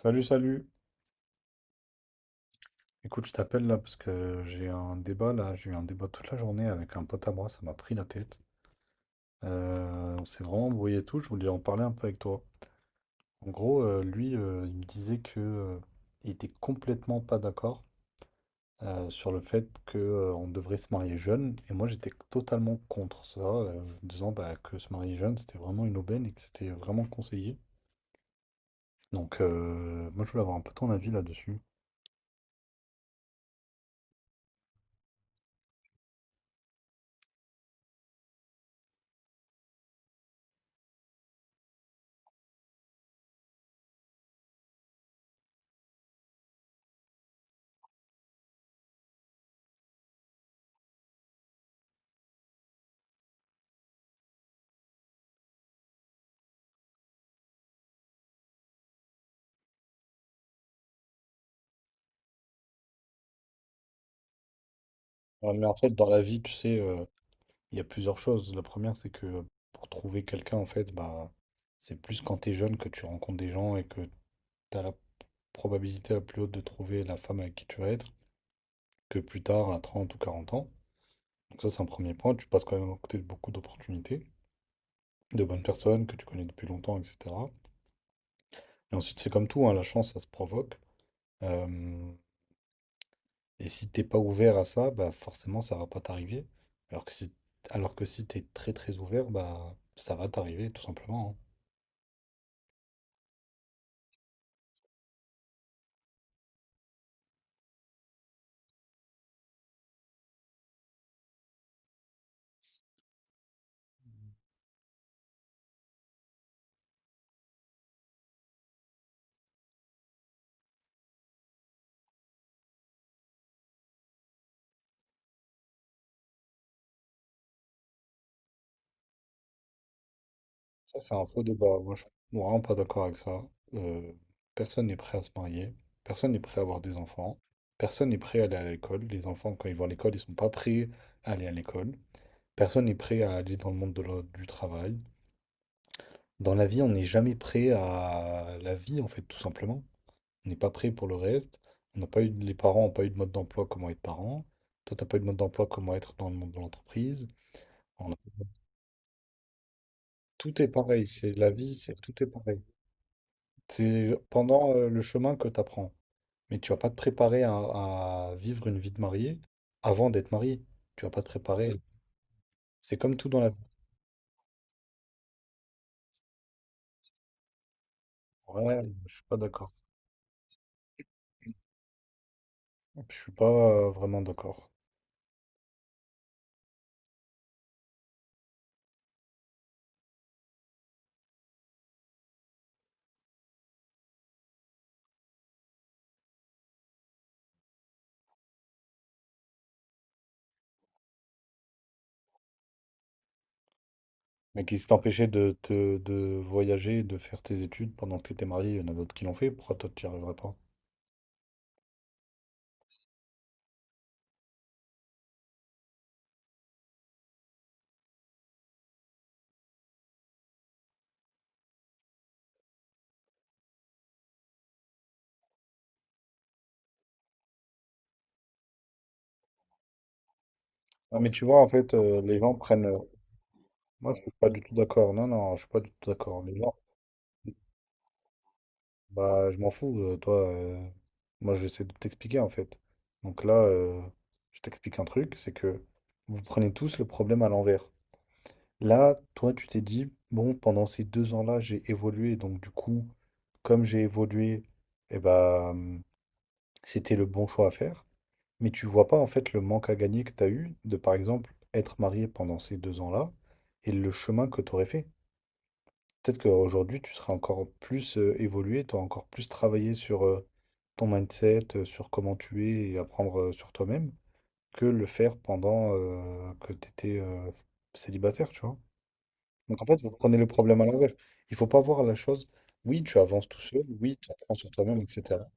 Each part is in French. Salut, salut. Écoute, je t'appelle là parce que j'ai un débat là. J'ai eu un débat toute la journée avec un pote à moi. Ça m'a pris la tête. On s'est vraiment embrouillé et tout. Je voulais en parler un peu avec toi. En gros, lui, il me disait que il était complètement pas d'accord sur le fait que on devrait se marier jeune. Et moi, j'étais totalement contre ça, en disant bah, que se marier jeune, c'était vraiment une aubaine et que c'était vraiment conseillé. Donc, moi, je voulais avoir un peu ton avis là-dessus. Ouais, mais en fait, dans la vie, tu sais, il y a plusieurs choses. La première, c'est que pour trouver quelqu'un, en fait, bah, c'est plus quand tu es jeune que tu rencontres des gens et que tu as la probabilité la plus haute de trouver la femme avec qui tu vas être que plus tard, à 30 ou 40 ans. Donc ça, c'est un premier point. Tu passes quand même à côté de beaucoup d'opportunités, de bonnes personnes que tu connais depuis longtemps, etc. Et ensuite, c'est comme tout, hein, la chance, ça se provoque. Euh, et si t'es pas ouvert à ça, bah forcément, ça va pas t'arriver. Alors que si, alors que si t'es très très ouvert, bah ça va t'arriver, tout simplement, hein. Ça, c'est un faux débat. Moi, je suis vraiment pas d'accord avec ça. Euh, Personne n'est prêt à se marier. Personne n'est prêt à avoir des enfants. Personne n'est prêt à aller à l'école. Les enfants, quand ils vont à l'école, ils sont pas prêts à aller à l'école. Personne n'est prêt à aller dans le monde de du travail. Dans la vie, on n'est jamais prêt à la vie, en fait, tout simplement. On n'est pas prêt pour le reste. On n'a pas eu, les parents n'ont pas eu de mode d'emploi comment être parent. Toi, t'as pas eu de mode d'emploi comment être dans le monde de l'entreprise. On a- Tout est pareil. C'est la vie, c'est tout est pareil. C'est pendant le chemin que tu apprends. Mais tu vas pas te préparer à vivre une vie de marié avant d'être marié. Tu vas pas te préparer. C'est comme tout dans la vie. Ouais, je suis pas d'accord. Je suis pas vraiment d'accord. Mais qui t'empêchait de voyager, et de faire tes études pendant que tu étais marié, il y en a d'autres qui l'ont fait. Pourquoi toi, tu n'y arriverais pas? Non, mais tu vois, en fait, les gens prennent. Moi, je suis pas du tout d'accord. Non, non, je suis pas du tout d'accord. Les gens, bah, je m'en fous. Toi, moi, j'essaie de t'expliquer en fait. Donc là, je t'explique un truc, c'est que vous prenez tous le problème à l'envers. Là, toi, tu t'es dit, bon, pendant ces 2 ans-là, j'ai évolué. Donc du coup, comme j'ai évolué, eh bah, c'était le bon choix à faire. Mais tu vois pas en fait le manque à gagner que tu as eu de, par exemple, être marié pendant ces 2 ans-là et le chemin que tu aurais fait. Peut-être qu'aujourd'hui, tu seras encore plus évolué, tu auras encore plus travaillé sur ton mindset, sur comment tu es et apprendre sur toi-même, que le faire pendant que tu étais célibataire, tu vois. Donc en fait, vous prenez le problème à l'envers. Il faut pas voir la chose, oui, tu avances tout seul, oui, tu apprends sur toi-même, etc.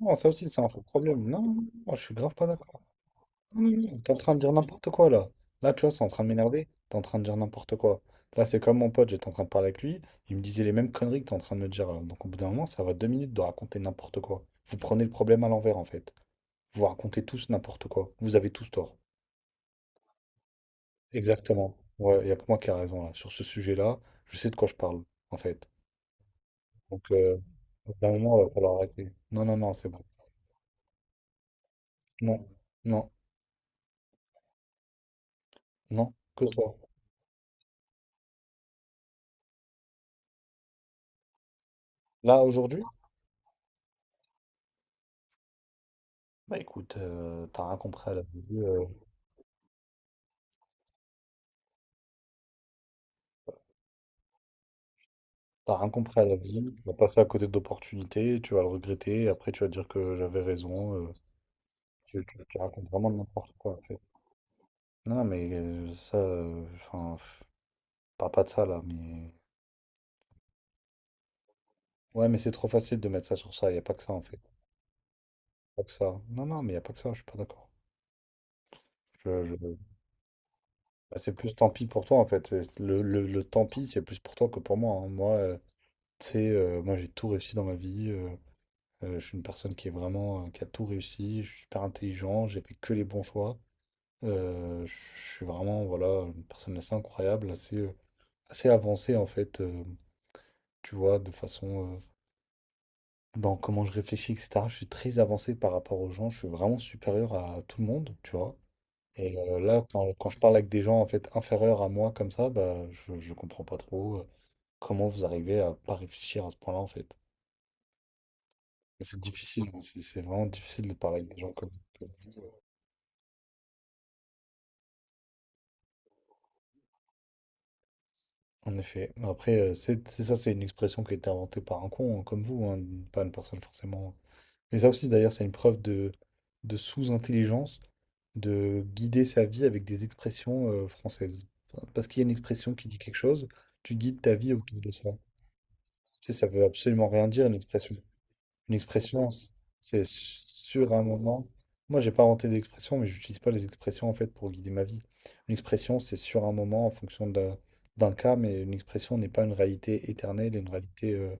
Non, ça aussi, c'est un faux problème. Non, non, non, je suis grave pas d'accord. Non, non, non, t'es en train de dire n'importe quoi là. Là, tu vois, c'est en train de m'énerver. T'es en train de dire n'importe quoi. Là, c'est comme mon pote, j'étais en train de parler avec lui. Il me disait les mêmes conneries que t'es en train de me dire, là. Donc, au bout d'un moment, ça va 2 minutes de raconter n'importe quoi. Vous prenez le problème à l'envers, en fait. Vous racontez tous n'importe quoi. Vous avez tous tort. Exactement. Ouais, il n'y a que moi qui ai raison là. Sur ce sujet-là, je sais de quoi je parle, en fait. Donc, au bout d'un moment, il va falloir arrêter. Non, non, non, c'est bon. Non, non, non, que toi. Là, aujourd'hui? Bah écoute, t'as rien compris à la vie. T'as rien compris à la vie, tu vas passer à côté d'opportunités, tu vas le regretter, et après tu vas dire que j'avais raison, tu racontes vraiment n'importe quoi en fait. Non, non, mais ça, enfin, parle pas de ça là, mais... Ouais, mais c'est trop facile de mettre ça sur ça, y a pas que ça en fait. Pas que ça. Non, non, mais y a pas que ça, je suis pas d'accord. Je- je- Bah, c'est plus tant pis pour toi en fait, le tant pis c'est plus pour toi que pour moi, hein. Moi, tu sais, moi j'ai tout réussi dans ma vie, je suis une personne qui est vraiment, qui a tout réussi, je suis super intelligent, j'ai fait que les bons choix. Je suis vraiment voilà, une personne assez incroyable, assez avancée en fait, tu vois, de façon dans comment je réfléchis, etc. Je suis très avancé par rapport aux gens, je suis vraiment supérieur à tout le monde, tu vois. Et là, quand je parle avec des gens en fait inférieurs à moi comme ça, bah, je comprends pas trop comment vous arrivez à pas réfléchir à ce point-là en fait. Mais c'est difficile, hein, c'est vraiment difficile de parler avec des gens comme vous. En effet. Mais après, c'est ça, c'est une expression qui a été inventée par un con, hein, comme vous, hein, pas une personne forcément. Et ça aussi, d'ailleurs, c'est une preuve de sous-intelligence, de guider sa vie avec des expressions françaises. Enfin, parce qu'il y a une expression qui dit quelque chose, tu guides ta vie autour de ça. Tu sais, ça veut absolument rien dire, une expression. Une expression, c'est sur un moment. Moi, j'ai pas inventé d'expression, mais j'utilise pas les expressions en fait pour guider ma vie. Une expression, c'est sur un moment en fonction d'un cas, mais une expression n'est pas une réalité éternelle, et une réalité,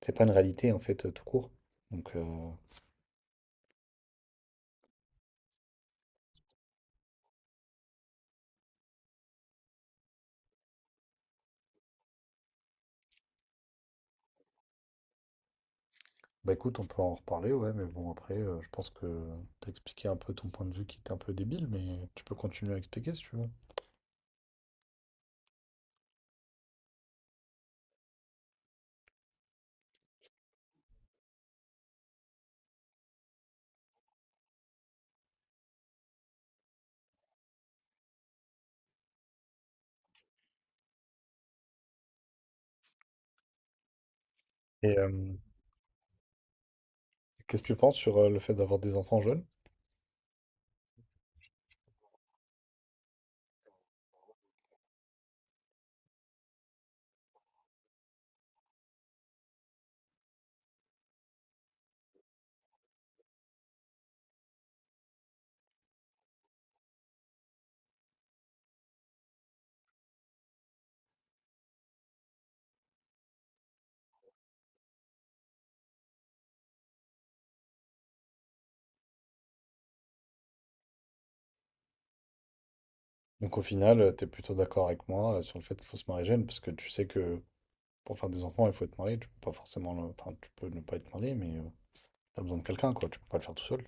c'est pas une réalité en fait tout court. Donc, bah écoute, on peut en reparler, ouais, mais bon après, je pense que t'as expliqué un peu ton point de vue qui était un peu débile, mais tu peux continuer à expliquer si tu veux. Et euh, Qu'est-ce que tu penses sur le fait d'avoir des enfants jeunes? Donc au final, t'es plutôt d'accord avec moi sur le fait qu'il faut se marier jeune, parce que tu sais que pour faire des enfants, il faut être marié. Tu peux pas forcément, enfin, tu peux ne pas être marié, mais t'as besoin de quelqu'un, quoi. Tu peux pas le faire tout seul.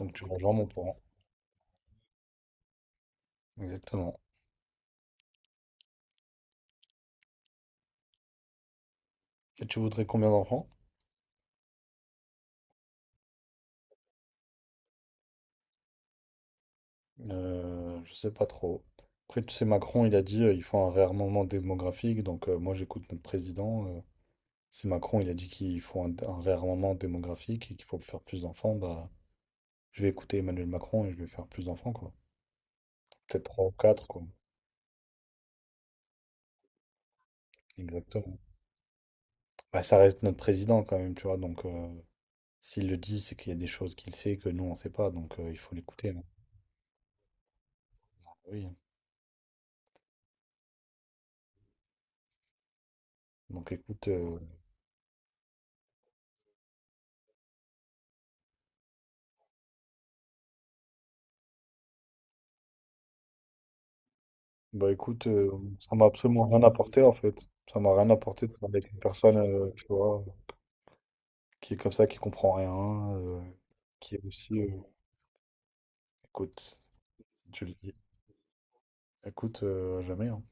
Donc tu rejoins mon point. Exactement. Et tu voudrais combien d'enfants? Je sais pas trop. Après, tu sais, Macron, il a dit ils font un réarmement démographique. Donc, moi, j'écoute notre président. Si Macron, il a dit qu'ils font un réarmement démographique et qu'il faut faire plus d'enfants, bah, je vais écouter Emmanuel Macron et je vais faire plus d'enfants, quoi. Peut-être trois ou quatre, quoi. Exactement. Bah, ça reste notre président, quand même, tu vois. Donc, s'il le dit, c'est qu'il y a des choses qu'il sait que nous, on sait pas. Donc, il faut l'écouter, hein. Oui, hein. Donc, écoute, bah écoute, ça m'a absolument rien apporté en fait. Ça m'a rien apporté de parler avec une personne, tu vois, qui est comme ça, qui comprend rien, qui est aussi, écoute, si tu le dis, écoute, à jamais, hein.